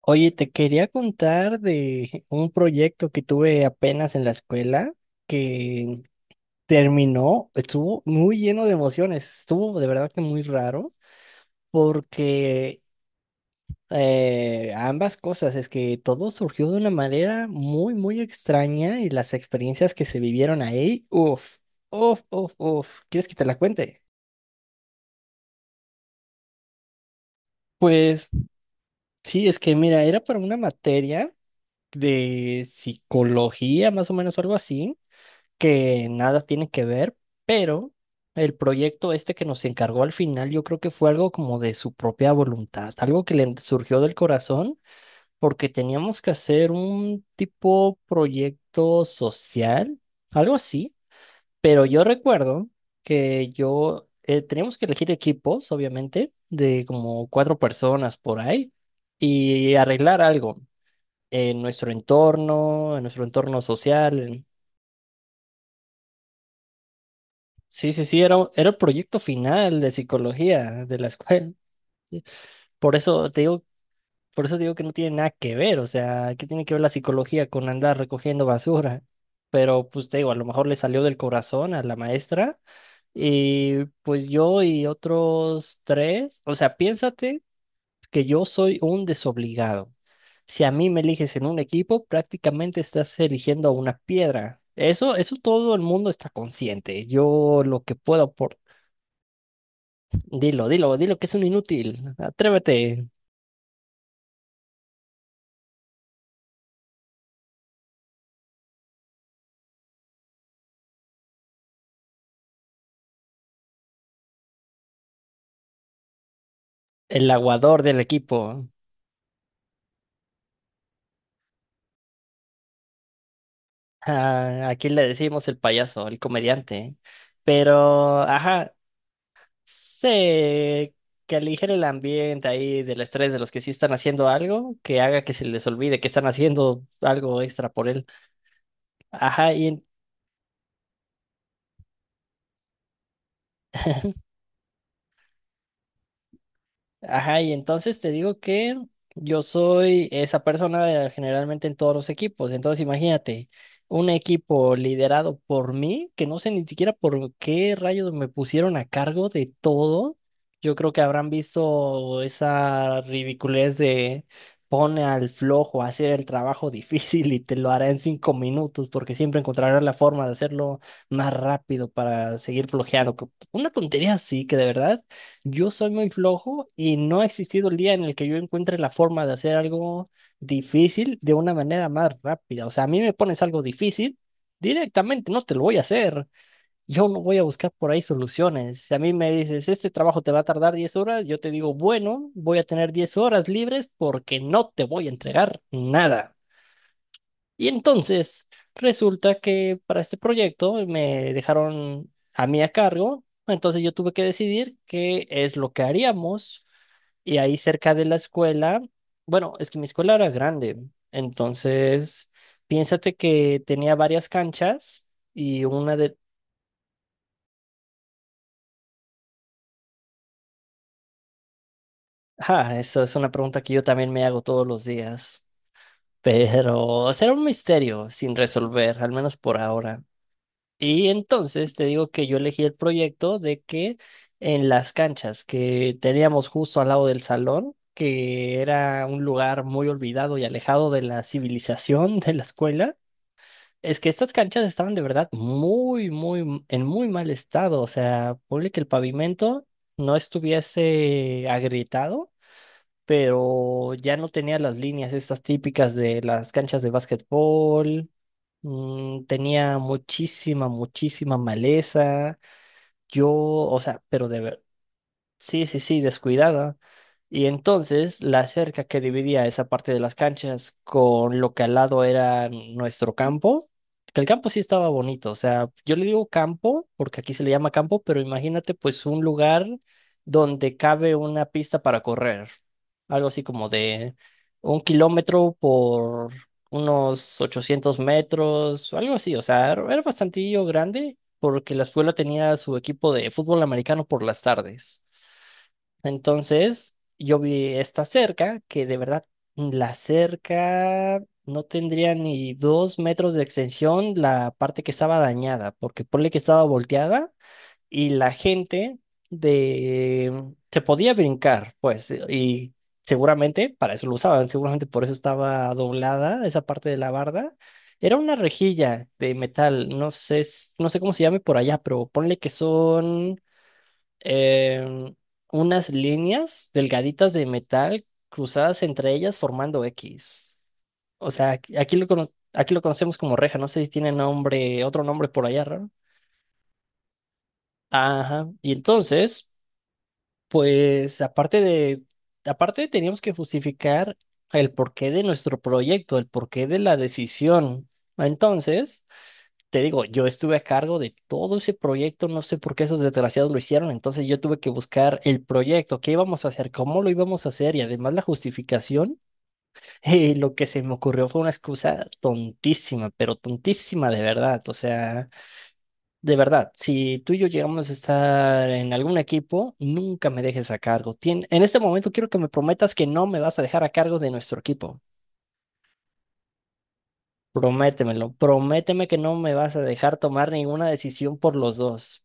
Oye, te quería contar de un proyecto que tuve apenas en la escuela que terminó, estuvo muy lleno de emociones, estuvo de verdad que muy raro porque ambas cosas, es que todo surgió de una manera muy, muy extraña y las experiencias que se vivieron ahí, uff, uff, uff, uff, ¿quieres que te la cuente? Pues sí, es que mira, era para una materia de psicología, más o menos algo así que nada tiene que ver, pero el proyecto este que nos encargó al final, yo creo que fue algo como de su propia voluntad, algo que le surgió del corazón, porque teníamos que hacer un tipo proyecto social, algo así, pero yo recuerdo que yo teníamos que elegir equipos, obviamente, de como cuatro personas por ahí y arreglar algo en nuestro entorno social. Sí, sí, sí, era el proyecto final de psicología de la escuela. Sí. Por eso te digo, por eso te digo que no tiene nada que ver, o sea, ¿qué tiene que ver la psicología con andar recogiendo basura? Pero pues te digo, a lo mejor le salió del corazón a la maestra y pues yo y otros tres, o sea, piénsate que yo soy un desobligado. Si a mí me eliges en un equipo, prácticamente estás eligiendo a una piedra. Eso todo el mundo está consciente. Yo lo que puedo aportar. Dilo, dilo, dilo que es un inútil. Atrévete. El aguador del equipo. Ah, aquí le decimos el payaso, el comediante. Pero, ajá, sé que aligere el ambiente ahí del estrés de los que sí están haciendo algo, que haga que se les olvide que están haciendo algo extra por él. Ajá. Y ajá, y entonces te digo que yo soy esa persona generalmente en todos los equipos. Entonces imagínate, un equipo liderado por mí, que no sé ni siquiera por qué rayos me pusieron a cargo de todo. Yo creo que habrán visto esa ridiculez de pone al flojo a hacer el trabajo difícil y te lo hará en 5 minutos, porque siempre encontrarás la forma de hacerlo más rápido para seguir flojeando. Una tontería así que de verdad. Yo soy muy flojo y no ha existido el día en el que yo encuentre la forma de hacer algo difícil de una manera más rápida. O sea, a mí me pones algo difícil, directamente no te lo voy a hacer. Yo no voy a buscar por ahí soluciones. Si a mí me dices, este trabajo te va a tardar 10 horas, yo te digo, bueno, voy a tener 10 horas libres porque no te voy a entregar nada. Y entonces resulta que para este proyecto me dejaron a mí a cargo, entonces yo tuve que decidir qué es lo que haríamos y ahí cerca de la escuela, bueno, es que mi escuela era grande, entonces piénsate que tenía varias canchas y una de... Ah, esa es una pregunta que yo también me hago todos los días, pero será un misterio sin resolver, al menos por ahora. Y entonces te digo que yo elegí el proyecto de que en las canchas que teníamos justo al lado del salón, que era un lugar muy olvidado y alejado de la civilización de la escuela, es que estas canchas estaban de verdad muy, muy, en muy mal estado. O sea, ponle que el pavimento no estuviese agrietado, pero ya no tenía las líneas estas típicas de las canchas de básquetbol. Tenía muchísima, muchísima maleza. Yo, o sea. Sí, sí, sí, descuidada. Y entonces la cerca que dividía esa parte de las canchas con lo que al lado era nuestro campo, que el campo sí estaba bonito, o sea, yo le digo campo porque aquí se le llama campo, pero imagínate pues un lugar donde cabe una pista para correr, algo así como de 1 kilómetro por unos 800 metros, o algo así, o sea, era bastantillo grande porque la escuela tenía su equipo de fútbol americano por las tardes. Entonces, yo vi esta cerca, que de verdad, la cerca no tendría ni 2 metros de extensión la parte que estaba dañada, porque ponle que estaba volteada y la gente de... se podía brincar, pues, y seguramente para eso lo usaban, seguramente por eso estaba doblada esa parte de la barda. Era una rejilla de metal, no sé, no sé cómo se llame por allá, pero ponle que son em, unas líneas delgaditas de metal cruzadas entre ellas formando X. O sea, aquí lo conocemos como reja, no sé si tiene nombre, otro nombre por allá, raro. Ajá. Y entonces, pues aparte teníamos que justificar el porqué de nuestro proyecto, el porqué de la decisión. Entonces, te digo, yo estuve a cargo de todo ese proyecto, no sé por qué esos desgraciados lo hicieron, entonces yo tuve que buscar el proyecto, qué íbamos a hacer, cómo lo íbamos a hacer y además la justificación, lo que se me ocurrió fue una excusa tontísima, pero tontísima de verdad, o sea, de verdad, si tú y yo llegamos a estar en algún equipo, nunca me dejes a cargo. En este momento quiero que me prometas que no me vas a dejar a cargo de nuestro equipo. Prométemelo, prométeme que no me vas a dejar tomar ninguna decisión por los dos.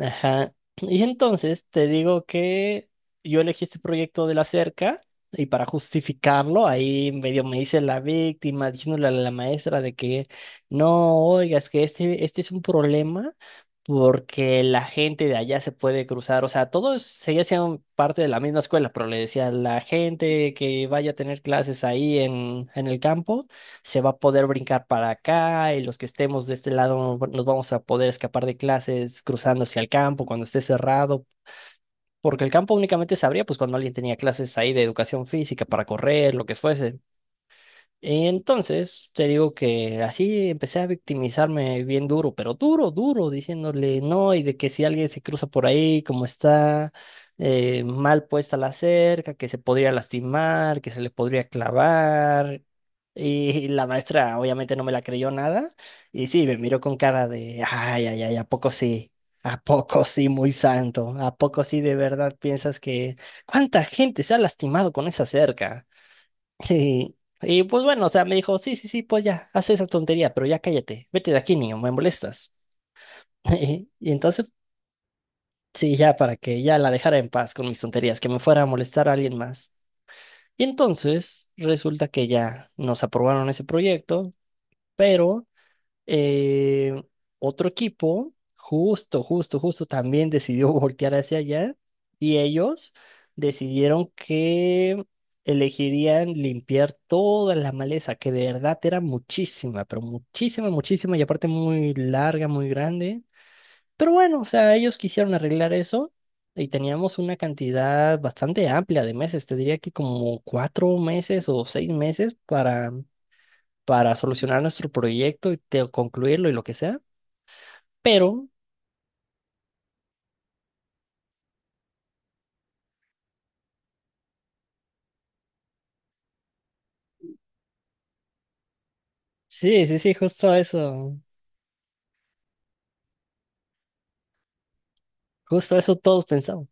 Ajá. Y entonces te digo que yo elegí este proyecto de la cerca y para justificarlo ahí medio me hice la víctima diciéndole a la maestra de que no, oiga, es que este es un problema porque la gente de allá se puede cruzar, o sea, todos seguían siendo parte de la misma escuela, pero le decía la gente que vaya a tener clases ahí en el campo se va a poder brincar para acá y los que estemos de este lado bueno, nos vamos a poder escapar de clases cruzando hacia el campo cuando esté cerrado, porque el campo únicamente se abría pues cuando alguien tenía clases ahí de educación física para correr, lo que fuese. Entonces, te digo que así empecé a victimizarme bien duro, pero duro, duro, diciéndole no y de que si alguien se cruza por ahí, como está mal puesta la cerca, que se podría lastimar, que se le podría clavar, y la maestra obviamente no me la creyó nada. Y sí, me miró con cara de, ay, ay, ay, ¿a poco sí? ¿A poco sí, muy santo? ¿A poco sí de verdad piensas que cuánta gente se ha lastimado con esa cerca? Y, y pues bueno, o sea, me dijo, sí, sí, sí, pues ya, haz esa tontería, pero ya cállate, vete de aquí, niño, me molestas. Y entonces, sí, ya para que ya la dejara en paz con mis tonterías, que me fuera a molestar a alguien más. Y entonces, resulta que ya nos aprobaron ese proyecto, pero... Eh, otro equipo, justo, justo, justo, también decidió voltear hacia allá y ellos decidieron que elegirían limpiar toda la maleza, que de verdad era muchísima, pero muchísima, muchísima y aparte muy larga, muy grande. Pero bueno, o sea, ellos quisieron arreglar eso y teníamos una cantidad bastante amplia de meses, te diría que como 4 meses o 6 meses para solucionar nuestro proyecto y concluirlo y lo que sea. Pero sí, sí, sí, justo eso. Justo eso todos pensamos.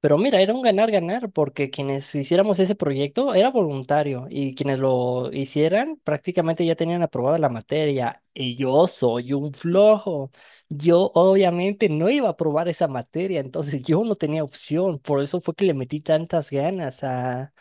Pero mira, era un ganar-ganar porque quienes hiciéramos ese proyecto era voluntario y quienes lo hicieran prácticamente ya tenían aprobada la materia y yo soy un flojo. Yo obviamente no iba a aprobar esa materia, entonces yo no tenía opción. Por eso fue que le metí tantas ganas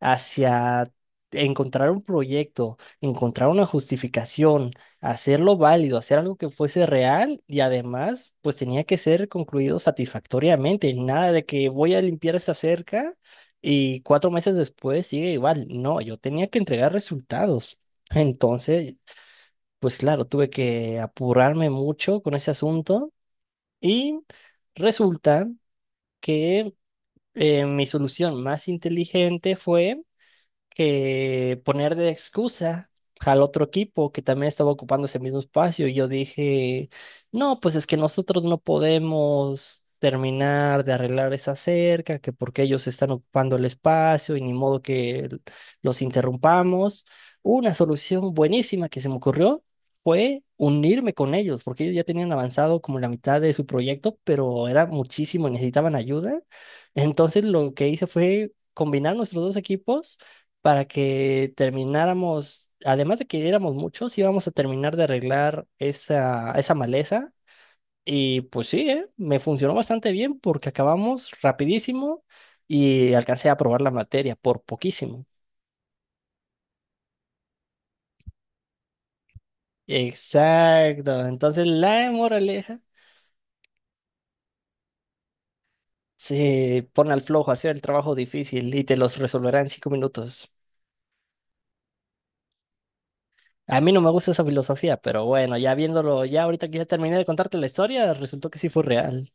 hacia encontrar un proyecto, encontrar una justificación hacerlo válido, hacer algo que fuese real y además pues tenía que ser concluido satisfactoriamente, nada de que voy a limpiar esa cerca y 4 meses después sigue igual, no, yo tenía que entregar resultados. Entonces, pues claro, tuve que apurarme mucho con ese asunto y resulta que mi solución más inteligente fue que poner de excusa al otro equipo que también estaba ocupando ese mismo espacio. Y yo dije, no, pues es que nosotros no podemos terminar de arreglar esa cerca, que porque ellos están ocupando el espacio y ni modo que los interrumpamos. Una solución buenísima que se me ocurrió fue unirme con ellos, porque ellos ya tenían avanzado como la mitad de su proyecto, pero era muchísimo, y necesitaban ayuda. Entonces lo que hice fue combinar nuestros dos equipos para que termináramos, además de que éramos muchos, íbamos a terminar de arreglar esa maleza. Y pues sí, ¿eh? Me funcionó bastante bien porque acabamos rapidísimo y alcancé a aprobar la materia por poquísimo. Exacto. Entonces la moraleja se pone al flojo, hacer el trabajo difícil y te los resolverá en 5 minutos. A mí no me gusta esa filosofía, pero bueno, ya viéndolo, ya ahorita que ya terminé de contarte la historia, resultó que sí fue real.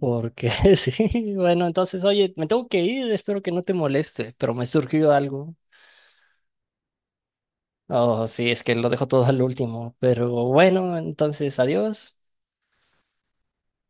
Porque sí, bueno, entonces, oye, me tengo que ir, espero que no te moleste, pero me surgió algo. Oh, sí, es que lo dejo todo al último, pero bueno, entonces, adiós.